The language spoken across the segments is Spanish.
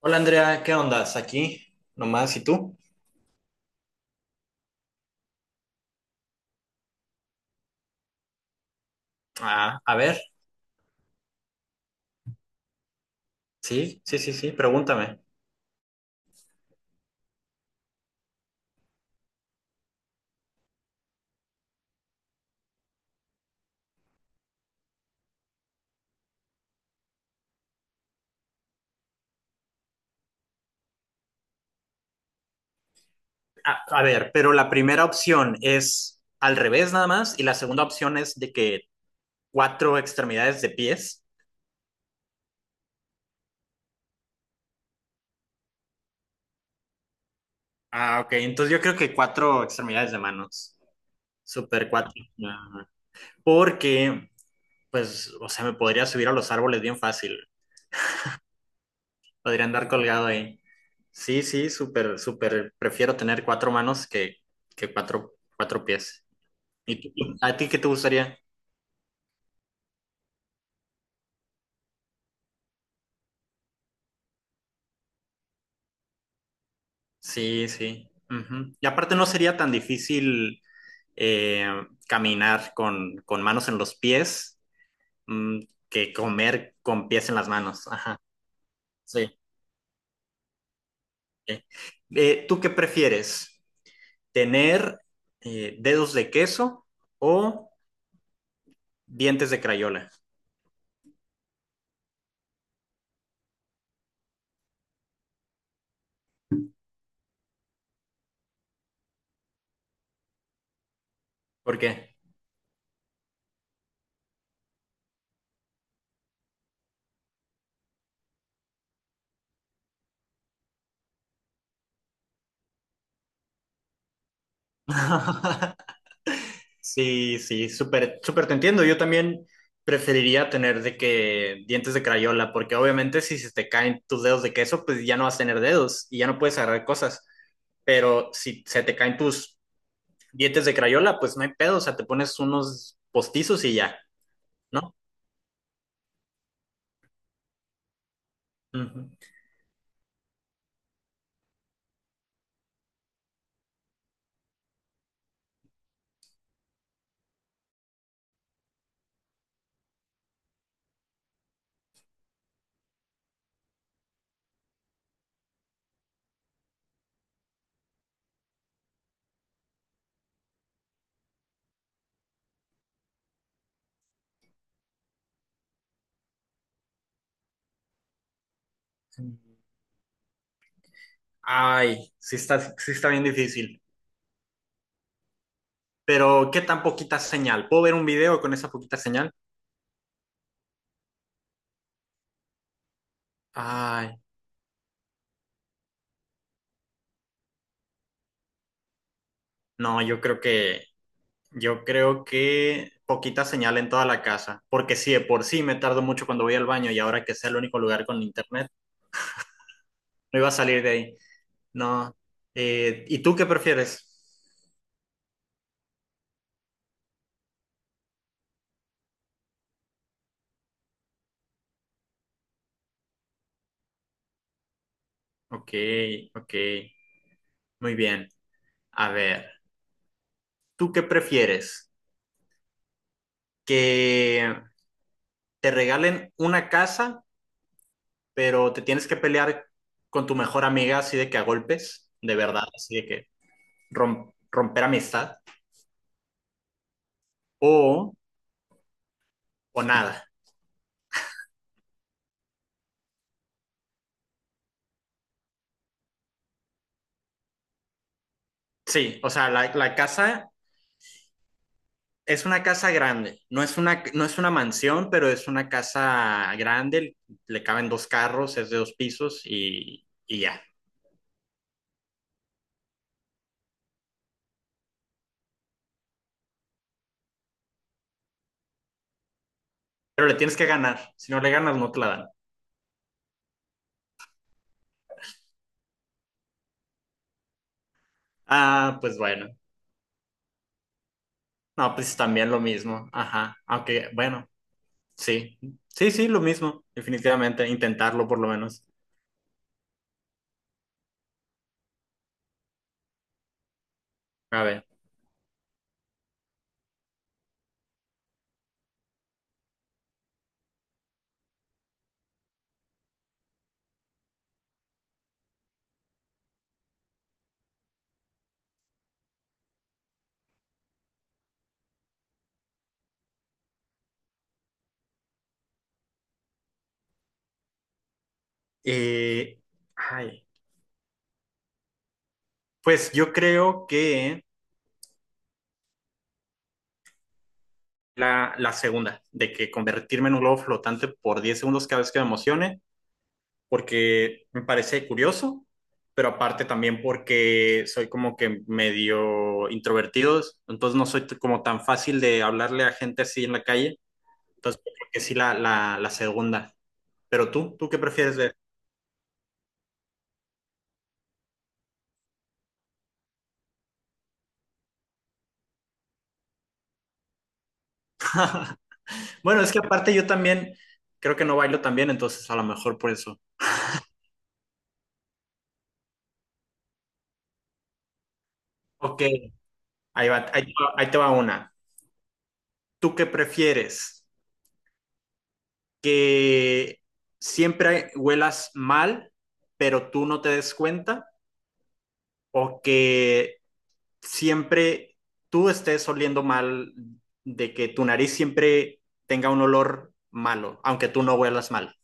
Hola Andrea, ¿qué ondas? Aquí nomás, ¿y tú? Ah, a ver, sí, sí, sí, sí, pregúntame. A, a ver, pero la primera opción es al revés nada más y la segunda opción es de que cuatro extremidades de pies. Ah, ok, entonces yo creo que cuatro extremidades de manos. Super cuatro. Ajá. Porque, pues, o sea, me podría subir a los árboles bien fácil. Podría andar colgado ahí. Sí, sí, súper, súper. Prefiero tener cuatro manos que cuatro pies. ¿A ti qué te gustaría? Sí, sí. Ujú. Y aparte no sería tan difícil eh, caminar con manos en los pies mm, que comer con pies en las manos. Ajá, sí. Ok. ¿Tú qué prefieres? ¿Tener dedos de queso o dientes de crayola? ¿Por qué? Sí, sí, súper, súper te entiendo. Yo también preferiría tener de que dientes de crayola, porque obviamente si se te caen tus dedos de queso, pues ya no vas a tener dedos y ya no puedes agarrar cosas. Pero si se te caen tus dientes de crayola, pues no hay pedo, o sea, te pones unos postizos y ya, ¿no? Ujú. Ay, sí está bien difícil. Pero, ¿qué tan poquita señal? ¿Puedo ver un video con esa poquita señal? Ay, no, yo creo que poquita señal en toda la casa, porque si de por sí me tardo mucho cuando voy al baño y ahora que sea el único lugar con internet, no iba a salir de ahí. No. ¿Y tú qué prefieres? Ok, ok, muy bien. A ver, ¿tú qué prefieres? ¿Que te regalen una casa, pero te tienes que pelear con tu mejor amiga así de que a golpes, de verdad, así de que romper amistad? ¿O, o nada? Sí, o sea, la casa. Es una casa grande, no es una mansión, pero es una casa grande, le caben dos carros, es de dos pisos y ya. Pero le tienes que ganar, si no le ganas no te la dan. Ah, pues bueno, no, pues también lo mismo, ajá, aunque bueno, sí, sí, sí, lo mismo, definitivamente, intentarlo por lo menos. A ver, eh, ay, pues yo creo que la segunda, de que convertirme en un globo flotante por 10 segundos cada vez que me emocione, porque me parece curioso, pero aparte también porque soy como que medio introvertido, entonces no soy como tan fácil de hablarle a gente así en la calle, entonces yo creo que sí la segunda. ¿Tú qué prefieres ver? Bueno, es que aparte yo también creo que no bailo tan bien, entonces a lo mejor por eso. Ok, ahí va, ahí te va, ahí te va una. ¿Tú qué prefieres? ¿Que siempre huelas mal, pero tú no te des cuenta? ¿O que siempre tú estés oliendo mal, de que tu nariz siempre tenga un olor malo, aunque tú no huelas mal,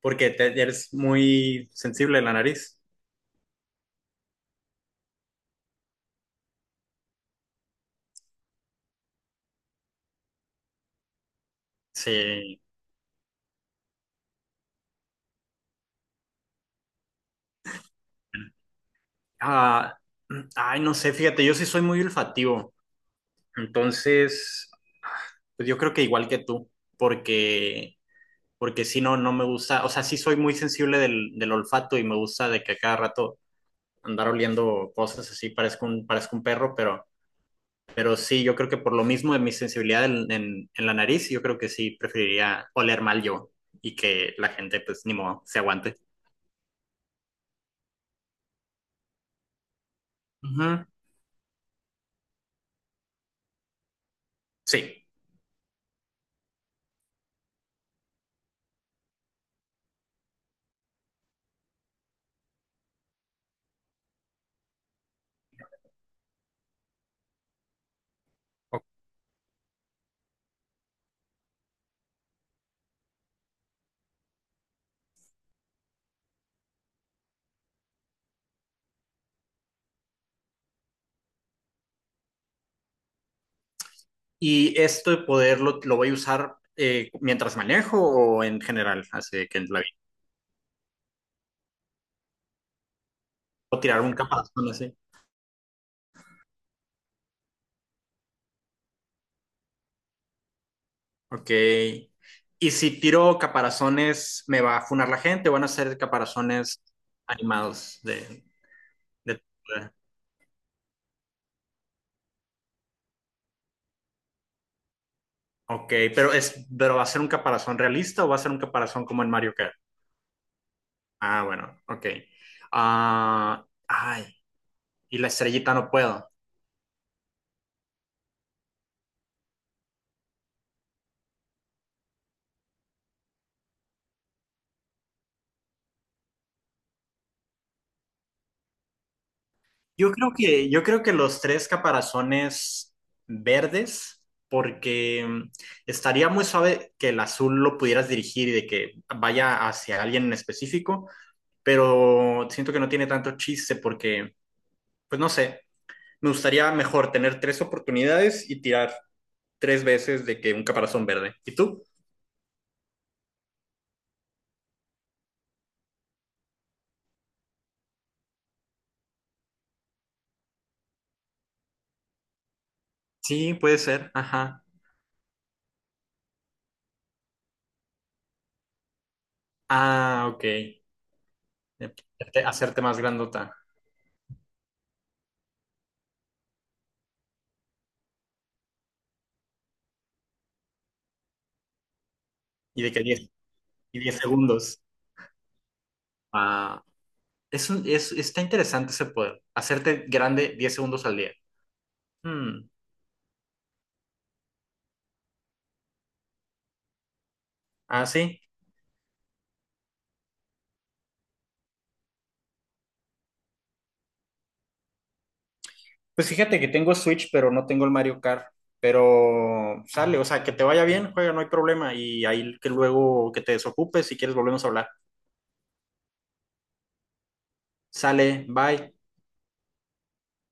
porque eres muy sensible a la nariz? Sí. Ah, ay, no sé, fíjate, yo sí soy muy olfativo, entonces, pues yo creo que igual que tú, porque, porque si no, no me gusta, o sea, sí soy muy sensible del olfato y me gusta de que a cada rato andar oliendo cosas así, parezco un perro, pero. Pero sí, yo creo que por lo mismo de mi sensibilidad en la nariz, yo creo que sí preferiría oler mal yo y que la gente, pues, ni modo, se aguante. Ujú. Sí. Y esto de poderlo, lo voy a usar mientras manejo o en general, así de que en la vida. O tirar un caparazón así. Ok. Y si tiro caparazones, ¿me va a funar la gente? ¿O van a ser caparazones animados de... Ok, pero ¿va a ser un caparazón realista o va a ser un caparazón como en Mario Kart? Ah, bueno, ok. Ah, ay, y la estrellita no puedo. Yo creo que los tres caparazones verdes, porque estaría muy suave que el azul lo pudieras dirigir y de que vaya hacia alguien en específico, pero siento que no tiene tanto chiste porque, pues no sé, me gustaría mejor tener tres oportunidades y tirar tres veces de que un caparazón verde. ¿Y tú? Sí, puede ser. Ajá. Ah, ok. De hacerte más grandota y de que 10 y 10 segundos. Ah, está interesante ese poder, hacerte grande 10 segundos al día. Hmm. Ah, sí. Pues fíjate que tengo Switch, pero no tengo el Mario Kart. Pero sale, o sea, que te vaya bien, juega, no hay problema. Y ahí que luego que te desocupes, si quieres volvemos a hablar. Sale, bye.